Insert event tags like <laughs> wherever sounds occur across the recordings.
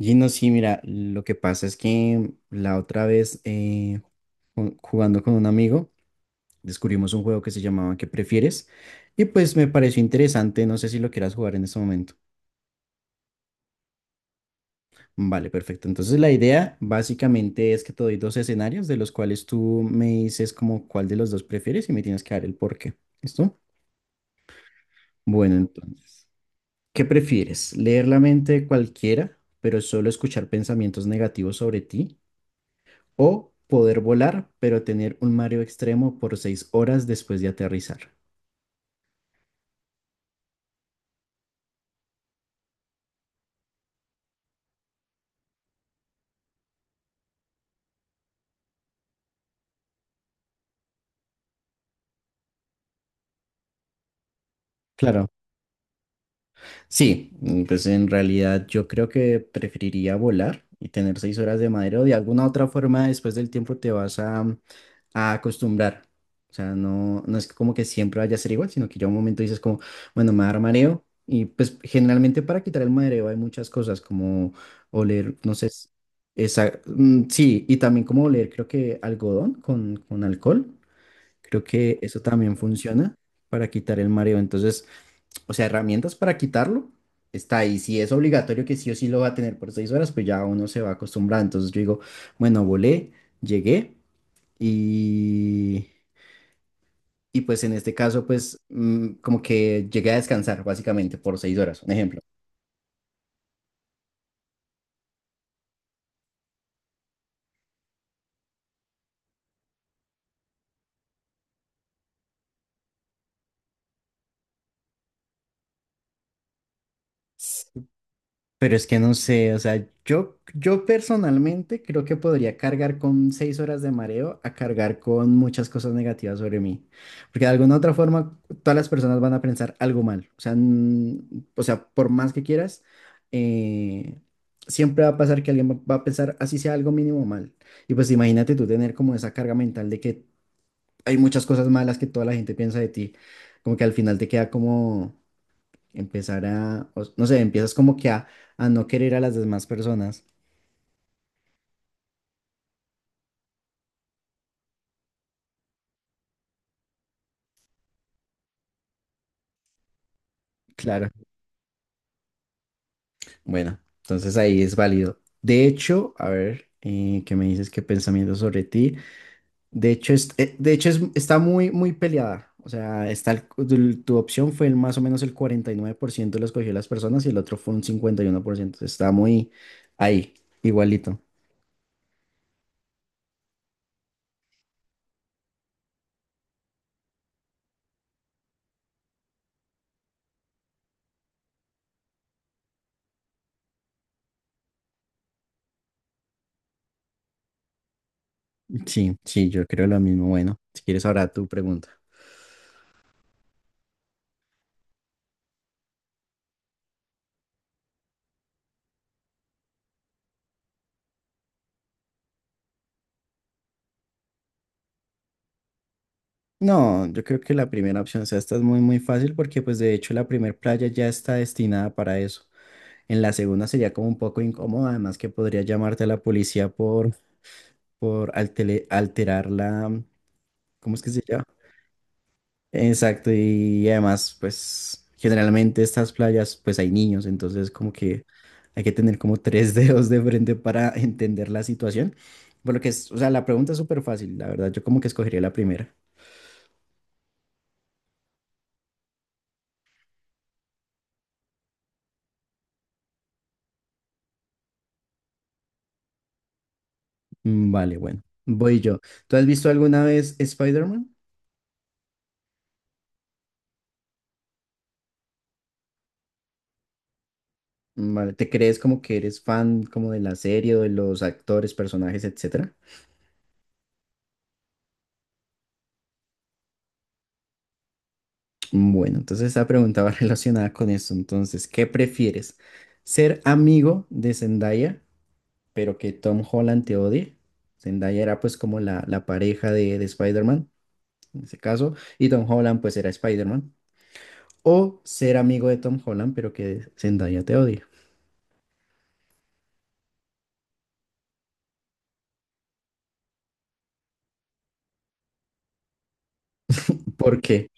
Y no, sí, mira, lo que pasa es que la otra vez jugando con un amigo descubrimos un juego que se llamaba ¿Qué prefieres? Y pues me pareció interesante, no sé si lo quieras jugar en este momento. Vale, perfecto. Entonces la idea básicamente es que te doy dos escenarios de los cuales tú me dices como cuál de los dos prefieres y me tienes que dar el por qué. ¿Listo? Bueno, entonces, ¿qué prefieres? ¿Leer la mente de cualquiera, pero solo escuchar pensamientos negativos sobre ti? ¿O poder volar, pero tener un mareo extremo por seis horas después de aterrizar? Claro, sí, pues en realidad yo creo que preferiría volar y tener seis horas de mareo. De alguna otra forma, después del tiempo te vas a acostumbrar. O sea, no es como que siempre vaya a ser igual, sino que ya un momento dices como, bueno, me va a dar mareo. Y pues generalmente para quitar el mareo hay muchas cosas como oler, no sé, esa, sí, y también como oler creo que algodón con alcohol. Creo que eso también funciona para quitar el mareo. Entonces, o sea, herramientas para quitarlo está ahí. Si es obligatorio que sí o sí lo va a tener por seis horas, pues ya uno se va a acostumbrar. Entonces yo digo, bueno, volé, llegué y, y pues en este caso, pues como que llegué a descansar básicamente por seis horas, un ejemplo. Pero es que no sé, o sea, yo personalmente creo que podría cargar con seis horas de mareo a cargar con muchas cosas negativas sobre mí. Porque de alguna otra forma, todas las personas van a pensar algo mal. O sea, o sea, por más que quieras, eh, siempre va a pasar que alguien va a pensar así sea algo mínimo mal. Y pues imagínate tú tener como esa carga mental de que hay muchas cosas malas que toda la gente piensa de ti. Como que al final te queda como empezar a, no sé, empiezas como que a no querer a las demás personas. Claro. Bueno, entonces ahí es válido. De hecho, a ver, ¿qué me dices? ¿Qué pensamiento sobre ti? De hecho, de hecho está muy, muy peleada. O sea, tu opción fue el más o menos el 49% lo escogió las personas y el otro fue un 51%. Está muy ahí, igualito. Sí, sí, yo creo lo mismo. Bueno, si quieres ahora tu pregunta. No, yo creo que la primera opción, o sea, esta es muy, muy fácil porque pues de hecho la primera playa ya está destinada para eso. En la segunda sería como un poco incómoda, además que podría llamarte a la policía por alterar la, ¿cómo es que se llama? Exacto, y además pues generalmente estas playas pues hay niños, entonces como que hay que tener como <laughs> tres dedos de frente para entender la situación. Por lo que es, o sea, la pregunta es súper fácil, la verdad, yo como que escogería la primera. Vale, bueno, voy yo. ¿Tú has visto alguna vez Spider-Man? Vale, ¿te crees como que eres fan como de la serie o de los actores, personajes, etcétera? Bueno, entonces esta pregunta va <laughs> relacionada con esto. Entonces, ¿qué prefieres? ¿Ser amigo de Zendaya, pero que Tom Holland te odie? Zendaya era pues como la pareja de Spider-Man, en ese caso, y Tom Holland pues era Spider-Man. ¿O ser amigo de Tom Holland, pero que Zendaya te odie? ¿Por qué?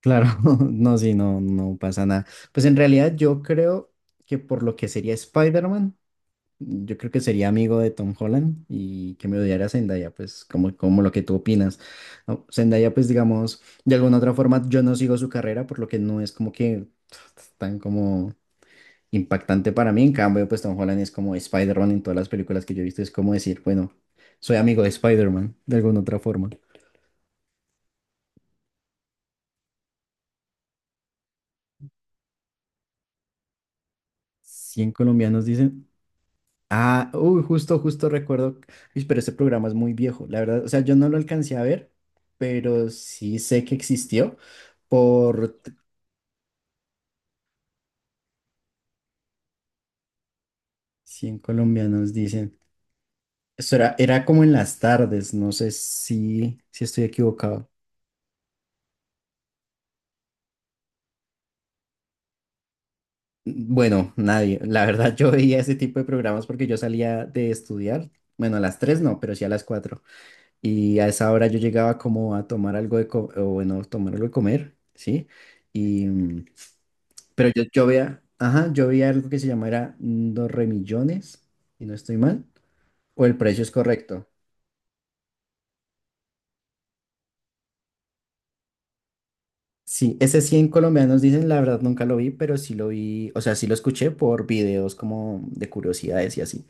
Claro, <laughs> no, sí, no, no pasa nada. Pues en realidad yo creo que por lo que sería Spider-Man, yo creo que sería amigo de Tom Holland y que me odiara Zendaya, pues como, como lo que tú opinas. No, Zendaya, pues digamos, de alguna otra forma yo no sigo su carrera, por lo que no es como que tan como impactante para mí. En cambio, pues Tom Holland es como Spider-Man en todas las películas que yo he visto, es como decir, bueno, soy amigo de Spider-Man, de alguna otra forma. 100 colombianos dicen... Ah, uy, justo, justo recuerdo. Uy, pero ese programa es muy viejo, la verdad. O sea, yo no lo alcancé a ver, pero sí sé que existió por 100 colombianos, dicen. Eso era, era como en las tardes, no sé si, si estoy equivocado. Bueno, nadie. La verdad, <laughs> yo veía ese tipo de programas porque yo salía de estudiar. Bueno, a las 3 no, pero sí a las cuatro. Y a esa hora yo llegaba como a tomar algo de comer, o bueno, tomar algo de comer, ¿sí? Pero yo veía, ajá, yo veía algo que se llamara dos remillones, y no estoy mal, o el precio es correcto. Sí, ese 100 colombianos dicen, la verdad nunca lo vi, pero sí lo vi, o sea, sí lo escuché por videos como de curiosidades y así.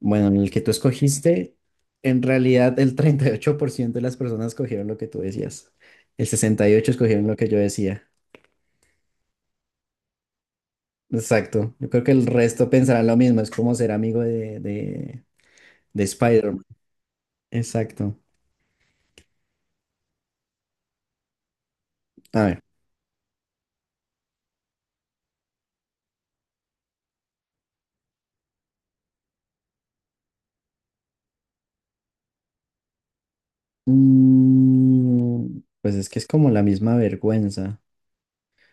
Bueno, en el que tú escogiste, en realidad el 38% de las personas escogieron lo que tú decías. El 68 escogieron lo que yo decía. Exacto. Yo creo que el resto pensarán lo mismo, es como ser amigo de Spider-Man. Exacto. A ver, pues es que es como la misma vergüenza,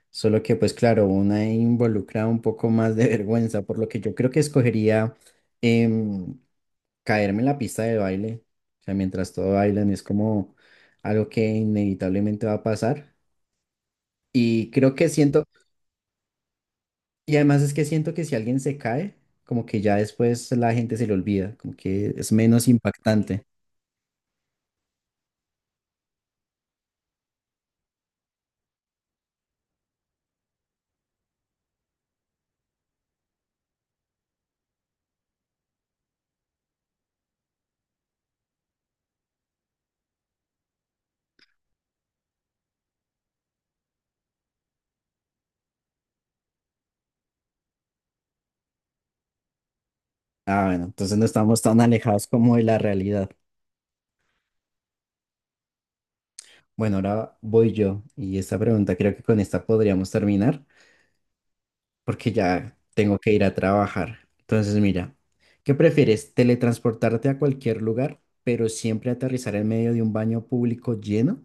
solo que pues claro, una involucra un poco más de <laughs> vergüenza, por lo que yo creo que escogería em, caerme en la pista de baile, o sea, mientras todo bailan es como algo que inevitablemente va a pasar y creo que siento, y además es que siento que si alguien se cae, como que ya después la gente se le olvida, como que es menos impactante. Ah, bueno, entonces no estamos tan alejados como de la realidad. Bueno, ahora voy yo y esta pregunta creo que con esta podríamos terminar porque ya tengo que ir a trabajar. Entonces, mira, ¿qué prefieres? ¿Teletransportarte a cualquier lugar, pero siempre aterrizar en medio de un baño público lleno?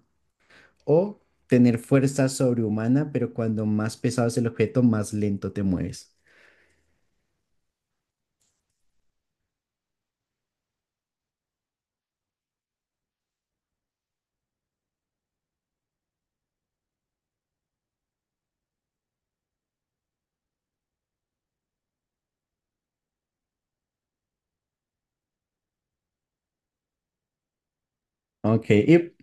¿O tener fuerza sobrehumana, pero cuando más pesado es el objeto, más lento te mueves? Ok, y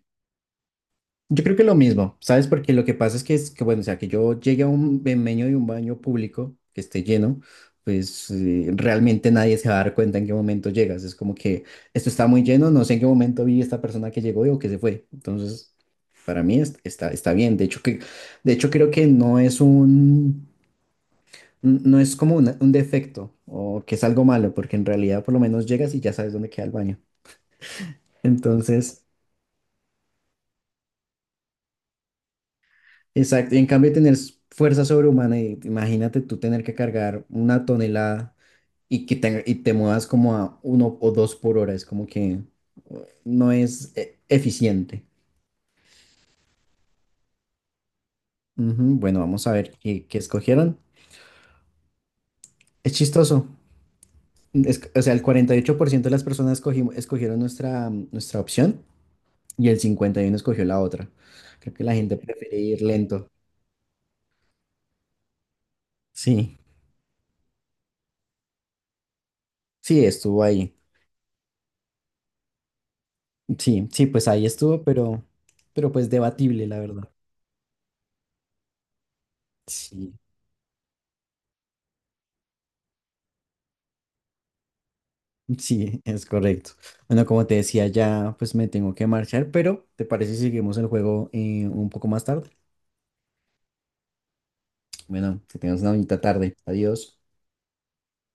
yo creo que lo mismo, ¿sabes? Porque lo que pasa es es que bueno, o sea, que yo llegue a un me meño de un baño público que esté lleno, pues realmente nadie se va a dar cuenta en qué momento llegas. Es como que esto está muy lleno, no sé en qué momento vi esta persona que llegó y o que se fue. Entonces, para mí está, está bien. De hecho, de hecho, creo que no es un, no es como un defecto o que es algo malo, porque en realidad por lo menos llegas y ya sabes dónde queda el baño. Entonces... Exacto, y en cambio tener fuerza sobrehumana, y imagínate tú tener que cargar una tonelada y que y te muevas como a uno o dos por hora, es como que uh, no es eficiente. Ujú, bueno, vamos a ver qué, qué escogieron. Es chistoso. O sea, el 48% de las personas escogieron nuestra, nuestra opción y el 51% escogió la otra. Creo que la gente prefiere ir lento. Sí, sí, estuvo ahí. Sí, sí, pues ahí estuvo, pero pues debatible, la verdad. Sí, sí, es correcto. Bueno, como te decía, ya pues me tengo que marchar, pero ¿te parece si seguimos el juego un poco más tarde? Bueno, que tengas una bonita tarde. Adiós.